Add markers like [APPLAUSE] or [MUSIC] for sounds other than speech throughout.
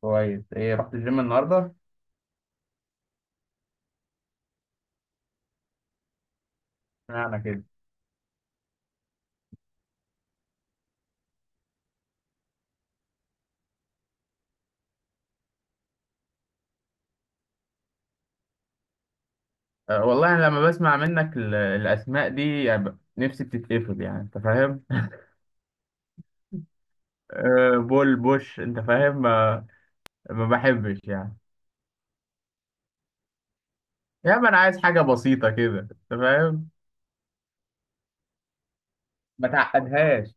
كويس. ايه، رحت الجيم النهارده؟ اشمعنى كده؟ أه والله، أنا لما بسمع منك الأسماء دي، يعني نفسي بتتقفل، يعني أنت فاهم؟ أه، بول بوش، أنت فاهم؟ ما بحبش يعني. يعني أنا عايز حاجة بسيطة كده، أنت فاهم؟ ما تعقدهاش.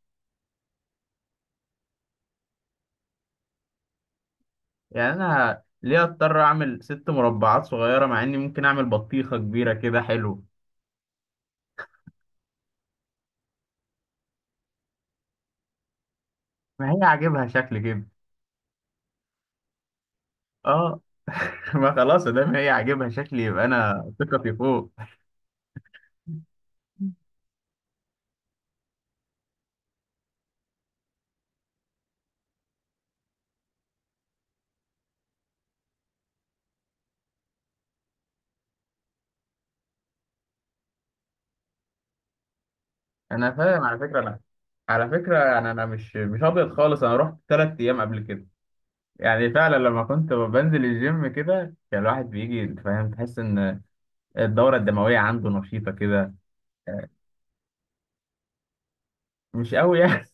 يعني أنا ليه أضطر أعمل ست مربعات صغيرة مع إني ممكن أعمل بطيخة كبيرة كده؟ حلو. ما هي عاجبها شكل كده. أه. [LAUGHS] ما خلاص، ده ما هي عاجبها شكل، يبقى أنا ثقتي فوق. انا فاهم على فكره، انا. على فكره انا مش ابيض خالص. انا رحت 3 ايام قبل كده. يعني فعلا لما كنت بنزل الجيم كده، كان الواحد بيجي، أنت فاهم، تحس ان الدوره الدمويه عنده نشيطه كده. مش قوي يعني. [LAUGHS]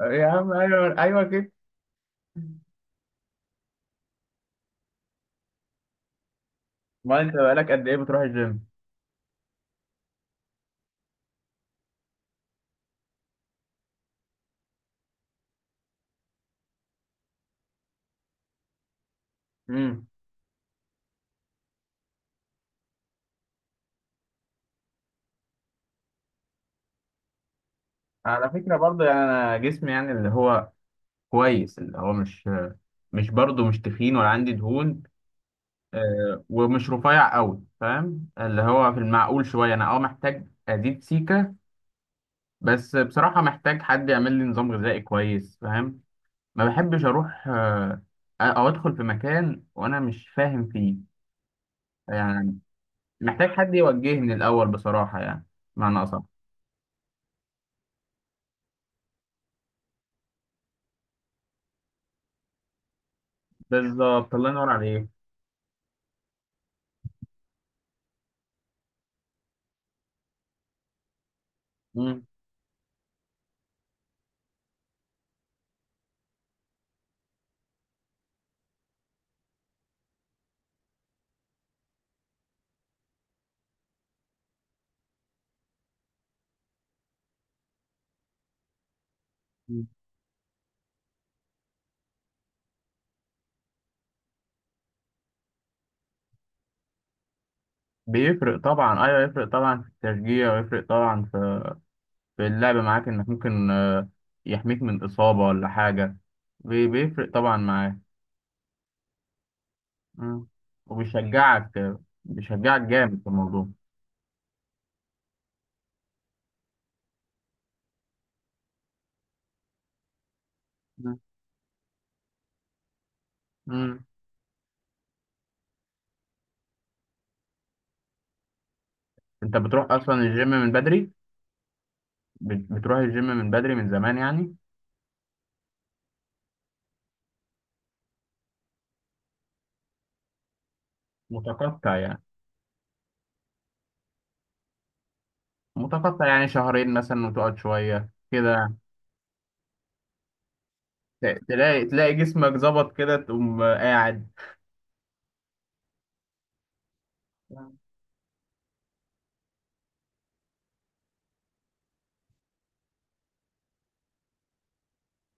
يا عم، ايوه، ايوه كده. ما انت بقالك قد ايه بتروح الجيم؟ امم. على فكره برضه، يعني انا جسمي يعني اللي هو كويس، اللي هو مش برضه، مش تخين ولا عندي دهون. ومش رفيع قوي، فاهم؟ اللي هو في المعقول شويه، انا محتاج ازيد سيكه. بس بصراحه محتاج حد يعمل لي نظام غذائي كويس، فاهم؟ ما بحبش اروح، او ادخل في مكان وانا مش فاهم فيه، يعني. محتاج حد يوجهني الاول بصراحه، يعني معنى اصح. بالظبط، الله ينور عليك. مم. مم. بيفرق طبعا، ايوه، يفرق طبعا في التشجيع، ويفرق طبعا في اللعب معاك، انك ممكن يحميك من اصابه ولا حاجه. بيفرق طبعا معاك. مم. وبيشجعك. بيشجعك جامد في الموضوع. مم. مم. انت بتروح اصلا الجيم من بدري؟ بتروح الجيم من بدري من زمان يعني؟ متقطع يعني. متقطع يعني شهرين مثلا، وتقعد شوية كده. تلاقي جسمك ظبط كده، تقوم قاعد. مم.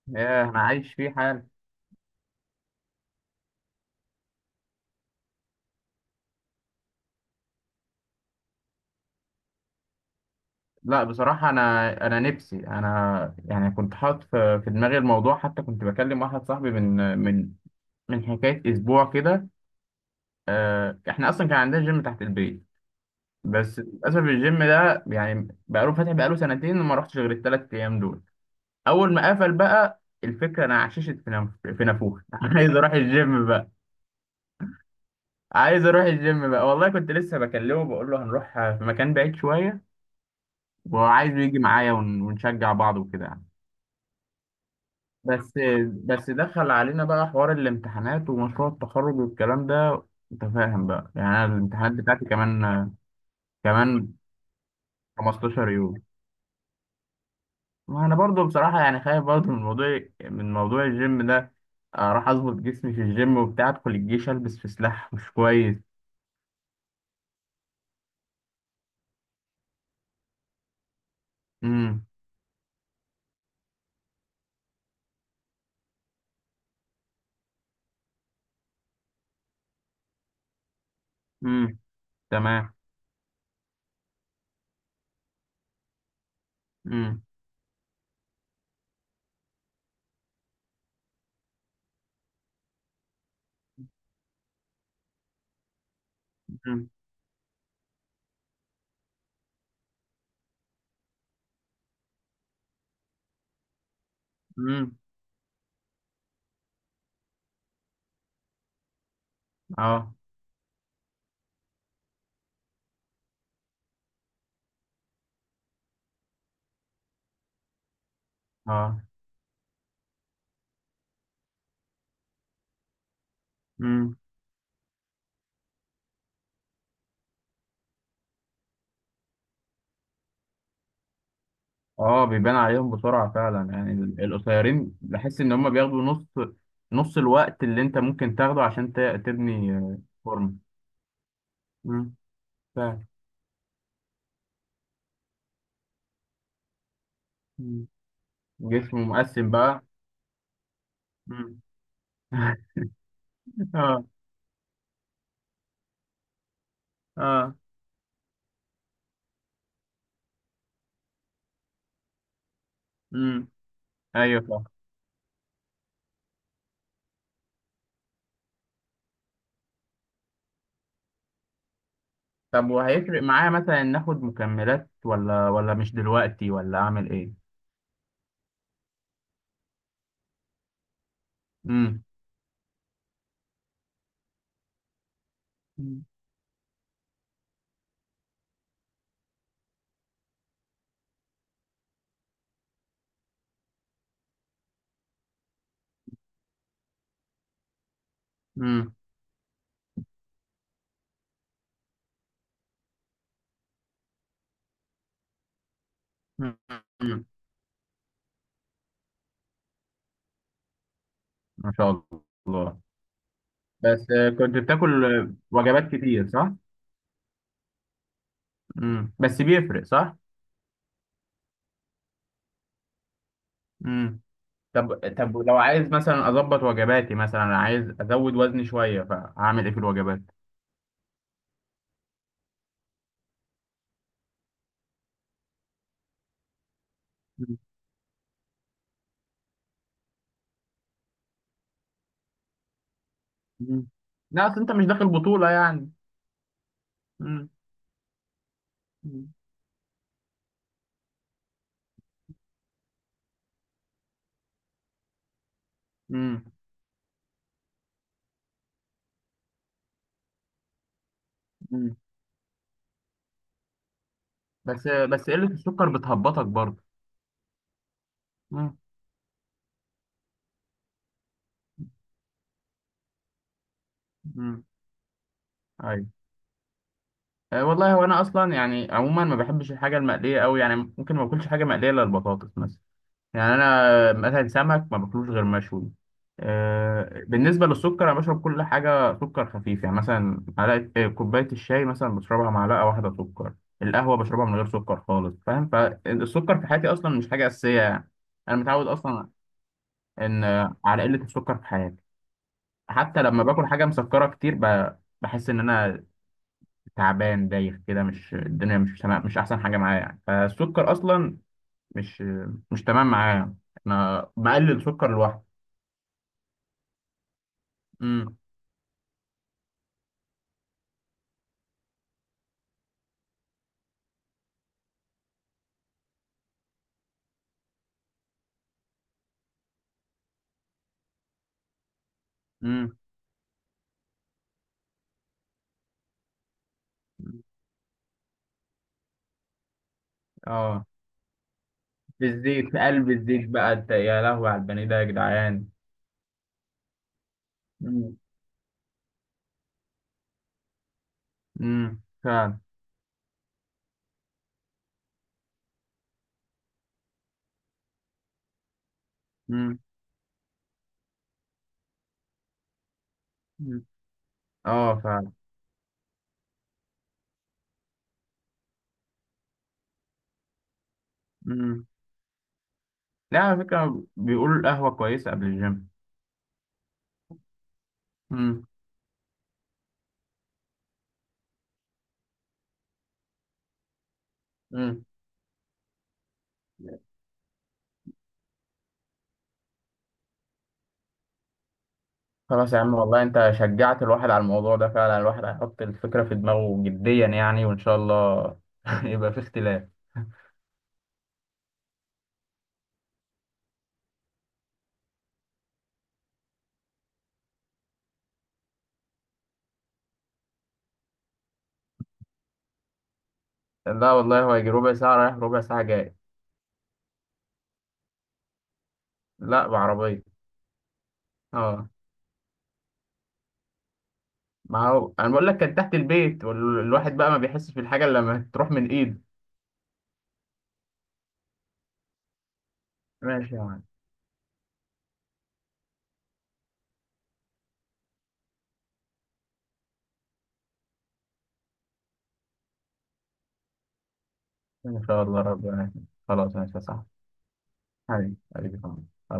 ياه، انا عايش فيه حال. لا بصراحة، انا نفسي انا، يعني كنت حاطط في دماغي الموضوع، حتى كنت بكلم واحد صاحبي من، من حكاية اسبوع كده. احنا اصلا كان عندنا جيم تحت البيت. بس للاسف الجيم ده يعني بقاله فاتح، بقاله سنتين، وما رحتش غير الثلاث ايام دول. اول ما قفل بقى الفكره، انا عششت في في نافوخ. [LAUGHS] عايز اروح الجيم بقى. عايز اروح الجيم بقى والله، كنت لسه بكلمه بقول له هنروح في مكان بعيد شويه، وعايزه يجي معايا ونشجع بعض وكده يعني. بس بس دخل علينا بقى حوار الامتحانات ومشروع التخرج والكلام ده. انت فاهم بقى، يعني انا الامتحانات بتاعتي كمان، كمان 15 يوم. ما انا برضو بصراحه يعني خايف برضو من موضوع الجيم ده. اروح اظبط جسمي في الجيم وبتاع، ادخل الجيش البس في سلاح، [LAUGHS] مش كويس. امم. امم. تمام. امم. امم. امم. اه. اه. امم. اه، بيبان عليهم بسرعه فعلا، يعني القصيرين بحس ان هم بياخدوا نص، نص الوقت اللي انت ممكن تاخده عشان تبني فورمه. امم، فعلا. مم. جسمه مقسم بقى. امم. [LAUGHS] اه. اه. امم. ايوه. طب، وهيفرق معايا مثلا ناخد مكملات، ولا مش دلوقتي، ولا اعمل ايه؟ امم. امم. ما شاء الله. بس كنت بتاكل وجبات كتير، صح؟ امم، بس بيفرق، صح. امم. طب لو عايز مثلا اظبط وجباتي، مثلا عايز ازود وزني شويه، فاعمل ايه في الوجبات؟ مم. مم. لا اصل انت مش داخل بطوله يعني. مم. مم. مم. مم. بس قله السكر بتهبطك برضه. مم. مم. ايوه. أه والله، هو انا اصلا يعني عموما ما بحبش الحاجه المقليه قوي يعني، ممكن ما باكلش حاجه مقليه الا البطاطس مثلا. يعني انا مثلا سمك ما باكلوش غير مشوي. أه، بالنسبه للسكر، انا بشرب كل حاجه سكر خفيف، يعني مثلا معلقه، كوبايه الشاي مثلا بشربها معلقه واحده سكر. القهوه بشربها من غير سكر خالص، فاهم؟ فالسكر في حياتي اصلا مش حاجه اساسيه يعني. انا متعود اصلا، ان على قله السكر في حياتي. حتى لما باكل حاجه مسكره كتير، بحس ان انا تعبان، دايخ كده، مش الدنيا مش تمام، مش احسن حاجه معايا يعني. فالسكر اصلا مش مش تمام معايا يعني. انا مقلل سكر لوحده. امم. امم. اه. في الزيت، في قلب الزيت بقى، انت يا لهوي على البني ده يا جدعان! امم. امم، فعلا. امم. أمم. اه، فعلا. امم. لا، على فكره بيقولوا القهوه كويسه قبل الجيم. امم. امم. خلاص يا عم، والله انت شجعت الواحد على الموضوع ده فعلا، الواحد هيحط الفكرة في دماغه جديا يعني، وان شاء الله [LAUGHS] يبقى في اختلاف. لا والله، هو يجي ربع ساعة رايح، ربع ساعة جاي. لا، بعربية. اه، ما هو انا بقول لك كان تحت البيت، والواحد بقى ما بيحسش بالحاجة الا لما تروح من ايده. ماشي يا معلم. ان شاء الله ربنا يكرمك. خلاص، ماشي يا صاحبي. حبيبي، حبيبي. خلاص.